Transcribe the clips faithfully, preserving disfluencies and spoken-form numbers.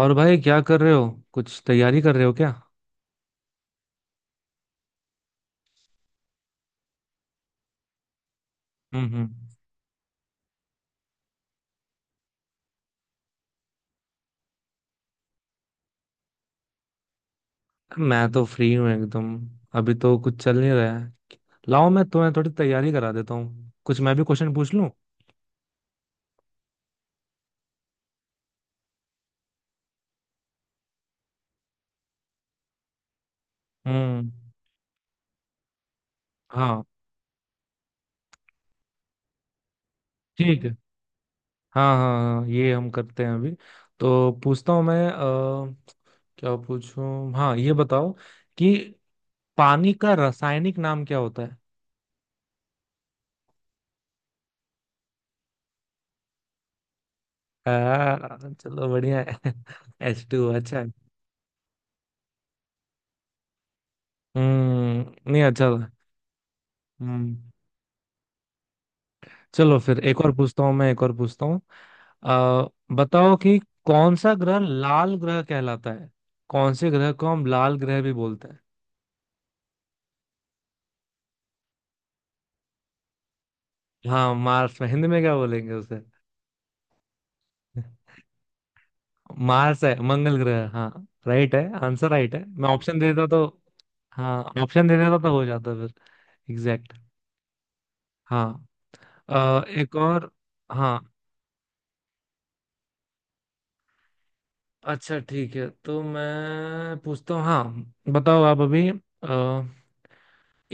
और भाई क्या कर रहे हो, कुछ तैयारी कर रहे हो क्या? हम्म हम्म। मैं तो फ्री हूँ एकदम। अभी तो कुछ चल नहीं रहा है। लाओ मैं तुम्हें थोड़ी तैयारी करा देता हूँ, कुछ मैं भी क्वेश्चन पूछ लूँ। हम्म, हाँ ठीक है। हाँ हाँ हाँ, ये हम करते हैं अभी। तो पूछता हूँ मैं अ, क्या पूछूं? हाँ ये बताओ कि पानी का रासायनिक नाम क्या होता है? आ, चलो बढ़िया है। एच टू, अच्छा है। हम्म नहीं, अच्छा था। हम्म चलो फिर एक और पूछता हूँ मैं, एक और पूछता हूँ। आ बताओ कि कौन सा ग्रह लाल ग्रह कहलाता है, कौन से ग्रह को हम लाल ग्रह भी बोलते हैं? हाँ, मार्स में हिंदी में क्या बोलेंगे उसे? मार्स है मंगल ग्रह, हाँ। राइट है, आंसर राइट है। मैं ऑप्शन दे देता तो। हाँ, ऑप्शन दे देता तो हो जाता फिर। एग्जैक्ट। हाँ, अ, एक और। हाँ अच्छा ठीक है, तो मैं पूछता हूँ, हाँ बताओ आप अभी अ,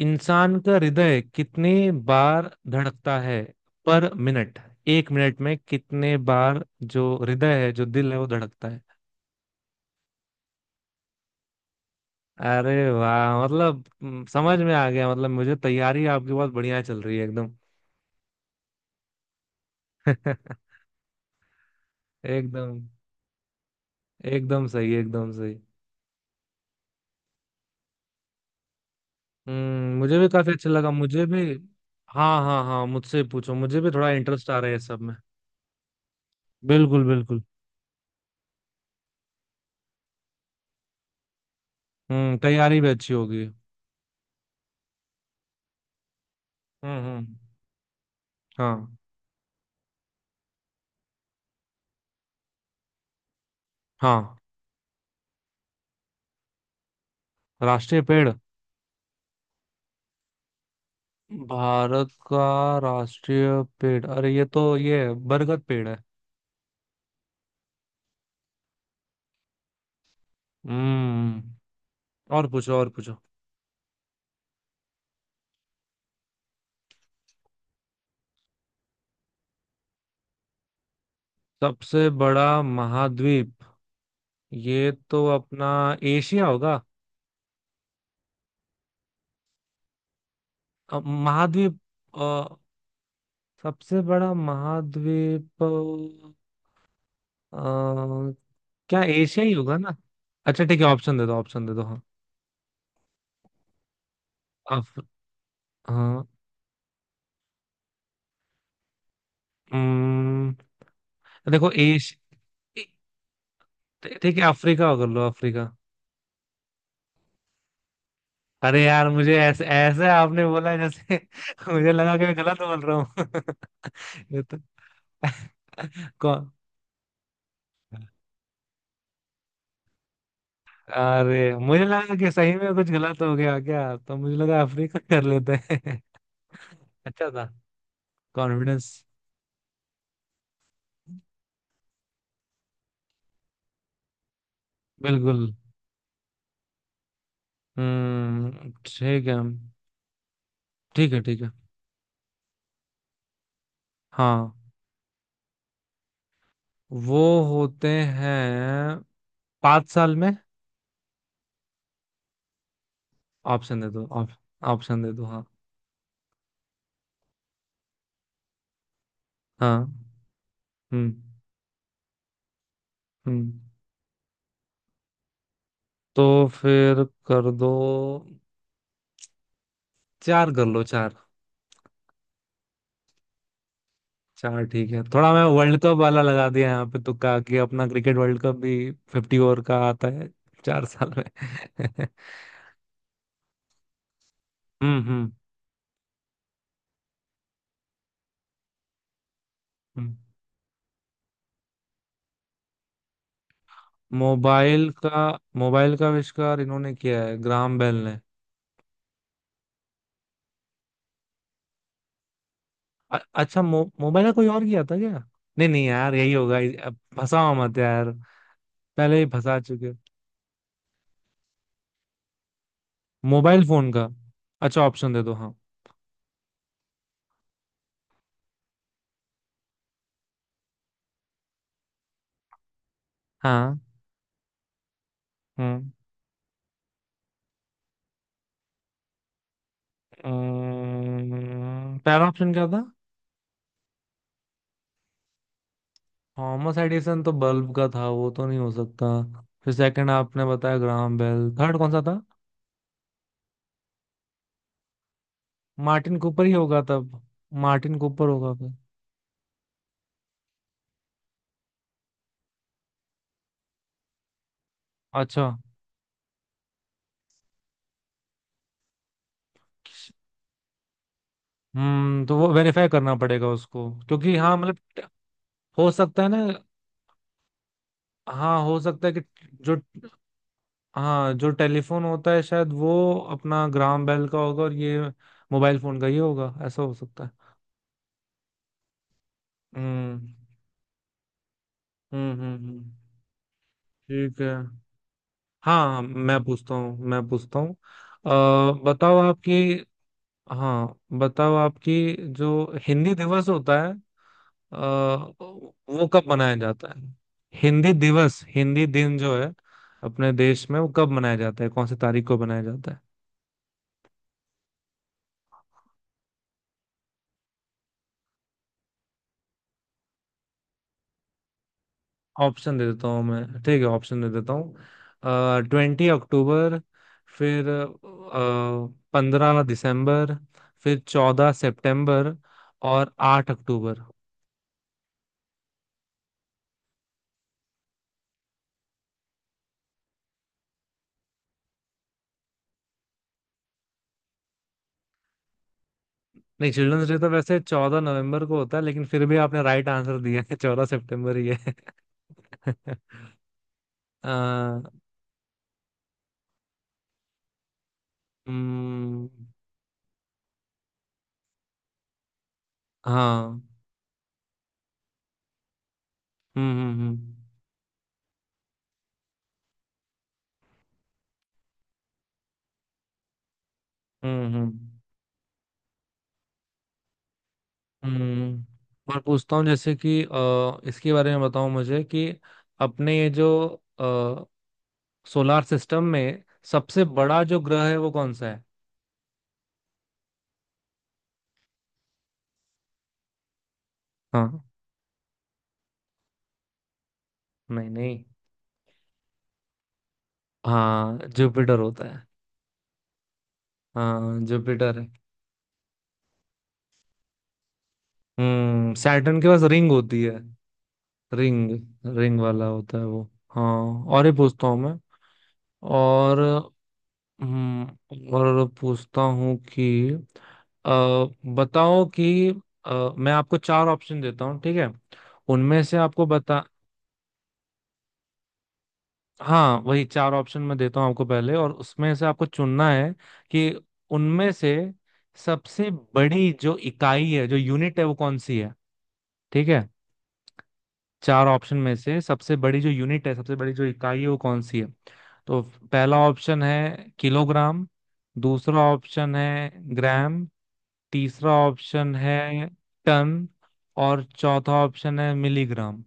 इंसान का हृदय कितने बार धड़कता है पर मिनट? एक मिनट में कितने बार जो हृदय है, जो दिल है, वो धड़कता है? अरे वाह, मतलब हम्म, समझ में आ गया। मतलब मुझे तैयारी आपकी बहुत बढ़िया चल रही है एकदम। एकदम। एकदम सही, एकदम सही। हम्म मुझे भी काफी अच्छा लगा, मुझे भी। हाँ हाँ हाँ, मुझसे पूछो, मुझे भी थोड़ा इंटरेस्ट आ रहा है इस सब में। बिल्कुल बिल्कुल। हम्म तैयारी भी अच्छी होगी। हम्म हम्म। हाँ हाँ। राष्ट्रीय पेड़। भारत का राष्ट्रीय पेड़, अरे ये तो, ये बरगद पेड़ है। हम्म और पूछो और पूछो। सबसे बड़ा महाद्वीप? ये तो अपना एशिया होगा। अब महाद्वीप अ, सबसे बड़ा महाद्वीप अ, क्या एशिया ही होगा ना? अच्छा ठीक है, ऑप्शन दे दो, ऑप्शन दे दो हाँ। अफ, हाँ। हम्म। देखो एश ए- ठीक है, अफ्रीका कर लो, अफ्रीका। अरे यार, मुझे ऐसे ऐसे आपने बोला जैसे मुझे लगा कि मैं गलत बोल रहा हूँ। ये तो कौन अरे, मुझे लगा कि सही में कुछ गलत हो गया क्या, तो मुझे लगा अफ्रीका कर लेते हैं। अच्छा था। कॉन्फिडेंस। बिल्कुल। हम्म, ठीक है। ठीक है, ठीक है, हाँ। वो होते हैं पाँच साल में। ऑप्शन दे दो, ऑप्शन दे दो हाँ। हाँ। हम्म हम्म तो फिर कर दो। चार कर लो, चार। चार, ठीक है। थोड़ा मैं वर्ल्ड कप वाला लगा दिया यहाँ पे, तुक्का, कि अपना क्रिकेट वर्ल्ड कप भी फिफ्टी ओवर का आता है। चार साल में। हम्म हम्म हम्म। मोबाइल का मोबाइल का आविष्कार इन्होंने किया है, ग्राहम बेल ने। अ- अच्छा, मो, मोबाइल का कोई और किया था क्या? नहीं नहीं यार, यही होगा। अब फंसाओ मत यार, पहले ही फंसा चुके। मोबाइल फोन का। अच्छा ऑप्शन दे दो। हाँ। हाँ, पहला ऑप्शन क्या था? थॉमस एडिसन तो बल्ब का था, वो तो नहीं हो सकता। फिर सेकंड आपने बताया ग्राहम बेल, थर्ड कौन सा था? मार्टिन कूपर ही होगा तब। मार्टिन कूपर होगा फिर। अच्छा। हम्म तो वो वेरीफाई करना पड़ेगा उसको, क्योंकि, हाँ मतलब ट- हो सकता है ना। हाँ, हो सकता है कि, जो, हाँ, जो टेलीफोन होता है शायद वो अपना ग्राहम बेल का होगा, और ये मोबाइल फोन का ही होगा, ऐसा हो सकता है। हम्म हम्म हम्म हम्म। ठीक है। हाँ हाँ, मैं पूछता हूँ, मैं पूछता हूँ। अ, बताओ आपकी, हाँ बताओ आपकी, जो हिंदी दिवस होता है अ, वो कब मनाया जाता है? हिंदी दिवस, हिंदी दिन जो है अपने देश में, वो कब मनाया जाता है? कौन सी तारीख को मनाया जाता है? ऑप्शन दे देता हूँ मैं, ठीक है, ऑप्शन दे देता हूँ। ट्वेंटी अक्टूबर, फिर पंद्रह दिसंबर, फिर चौदह सितंबर, और आठ अक्टूबर। नहीं, चिल्ड्रंस डे तो वैसे चौदह नवंबर को होता है, लेकिन फिर भी आपने राइट आंसर दिया है। चौदह सितंबर ही है। आ, हम्म, हाँ। हम्म हम्म हम्म हम्म हम्म। हम्म। और पूछता हूँ जैसे कि अ, इसके बारे में बताओ मुझे कि अपने ये जो अ, सोलार सिस्टम में सबसे बड़ा जो ग्रह है वो कौन सा है? हाँ। नहीं नहीं। हाँ, जुपिटर होता है। हाँ जुपिटर है। हम्म सैटर्न के पास रिंग होती है। रिंग। रिंग वाला होता है वो। हाँ। और ये पूछता हूँ मैं। और हम्म, और पूछता हूँ कि अ, बताओ कि अ, मैं आपको चार ऑप्शन देता हूँ, ठीक है, उनमें से आपको बता, हाँ वही, चार ऑप्शन मैं देता हूँ आपको पहले, और उसमें से आपको चुनना है कि उनमें से सबसे बड़ी जो इकाई है, जो यूनिट है, वो कौन सी है, ठीक है? चार ऑप्शन में से सबसे बड़ी जो यूनिट है, सबसे बड़ी जो इकाई है, वो कौन सी है? तो पहला ऑप्शन है किलोग्राम, दूसरा ऑप्शन है ग्राम, तीसरा ऑप्शन है टन, और चौथा ऑप्शन है मिलीग्राम।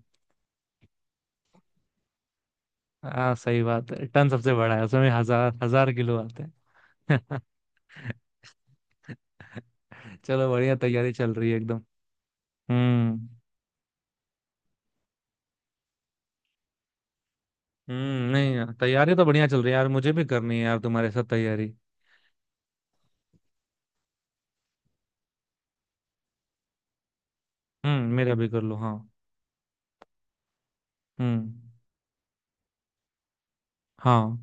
हाँ सही बात है, टन सबसे बड़ा है, उसमें हजार हजार किलो आते हैं। चलो बढ़िया, तैयारी चल रही है एकदम। हम्म हम्म नहीं यार, तैयारी तो बढ़िया चल रही है यार, मुझे भी करनी है यार, तुम्हारे साथ तैयारी। हम्म मेरा भी कर लो हाँ। हम्म हाँ,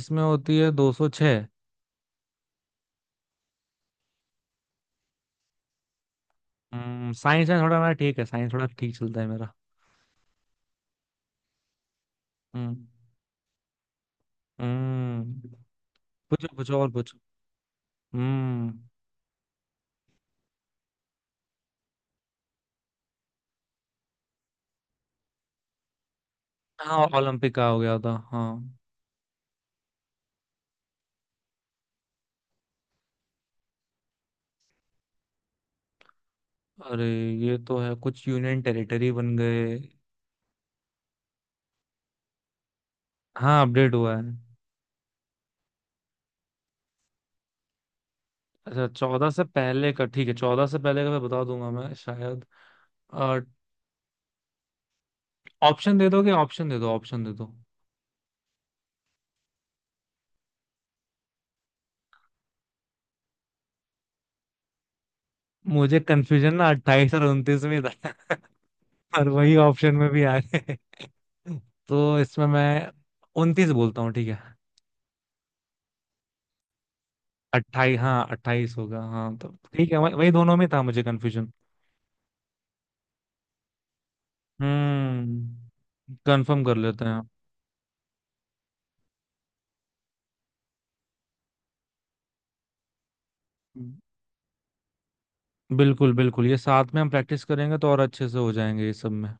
इसमें होती है दो सौ छः। साइंस में थोड़ा मेरा ठीक है, साइंस थोड़ा ठीक चलता है मेरा। हम्म हम्म पूछो पूछो और पूछो। हम्म हाँ, ओलंपिक का हो गया था, हाँ। अरे ये तो है, कुछ यूनियन टेरिटरी बन गए। हाँ अपडेट हुआ है। अच्छा चौदह से पहले का, ठीक है, चौदह से पहले का मैं बता दूंगा मैं शायद। ऑप्शन दे दोगे, ऑप्शन दे दो, ऑप्शन दे दो। मुझे कंफ्यूजन ना अट्ठाईस और उनतीस में था, और वही ऑप्शन में भी आ गए। तो इसमें मैं उनतीस बोलता हूँ ठीक है। अट्ठाईस, हाँ अट्ठाईस होगा हाँ, तो ठीक है, वही वही दोनों में था मुझे कंफ्यूजन। हम्म कंफर्म कर लेते हैं। बिल्कुल बिल्कुल, ये साथ में हम प्रैक्टिस करेंगे तो और अच्छे से हो जाएंगे ये सब में।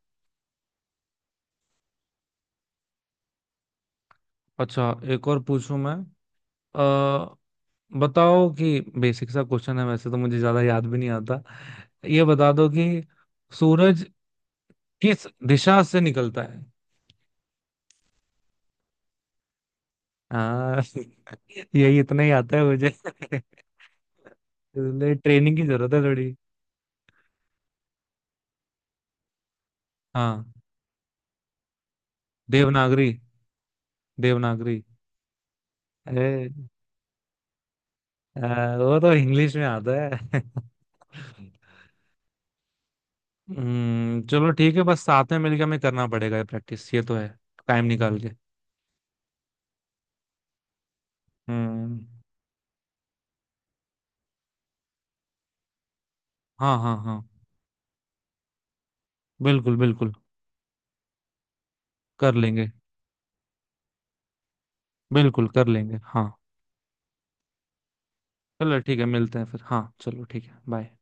अच्छा एक और पूछूं मैं। अ बताओ कि बेसिक सा क्वेश्चन है, वैसे तो मुझे ज्यादा याद भी नहीं आता, ये बता दो कि सूरज किस दिशा से निकलता है। हाँ। यही इतना ही आता है मुझे। इसलिए ट्रेनिंग की जरूरत है थोड़ी। हाँ। देवनागरी। देवनागरी। अरे आ, वो तो इंग्लिश में आता है। हम्म चलो ठीक है, बस साथ में मिलकर हमें करना पड़ेगा ये प्रैक्टिस, ये तो है। टाइम निकाल के। हम्म हाँ हाँ हाँ, बिल्कुल बिल्कुल कर लेंगे, बिल्कुल कर लेंगे हाँ। चलो ठीक है, मिलते हैं फिर हाँ, चलो ठीक है, बाय।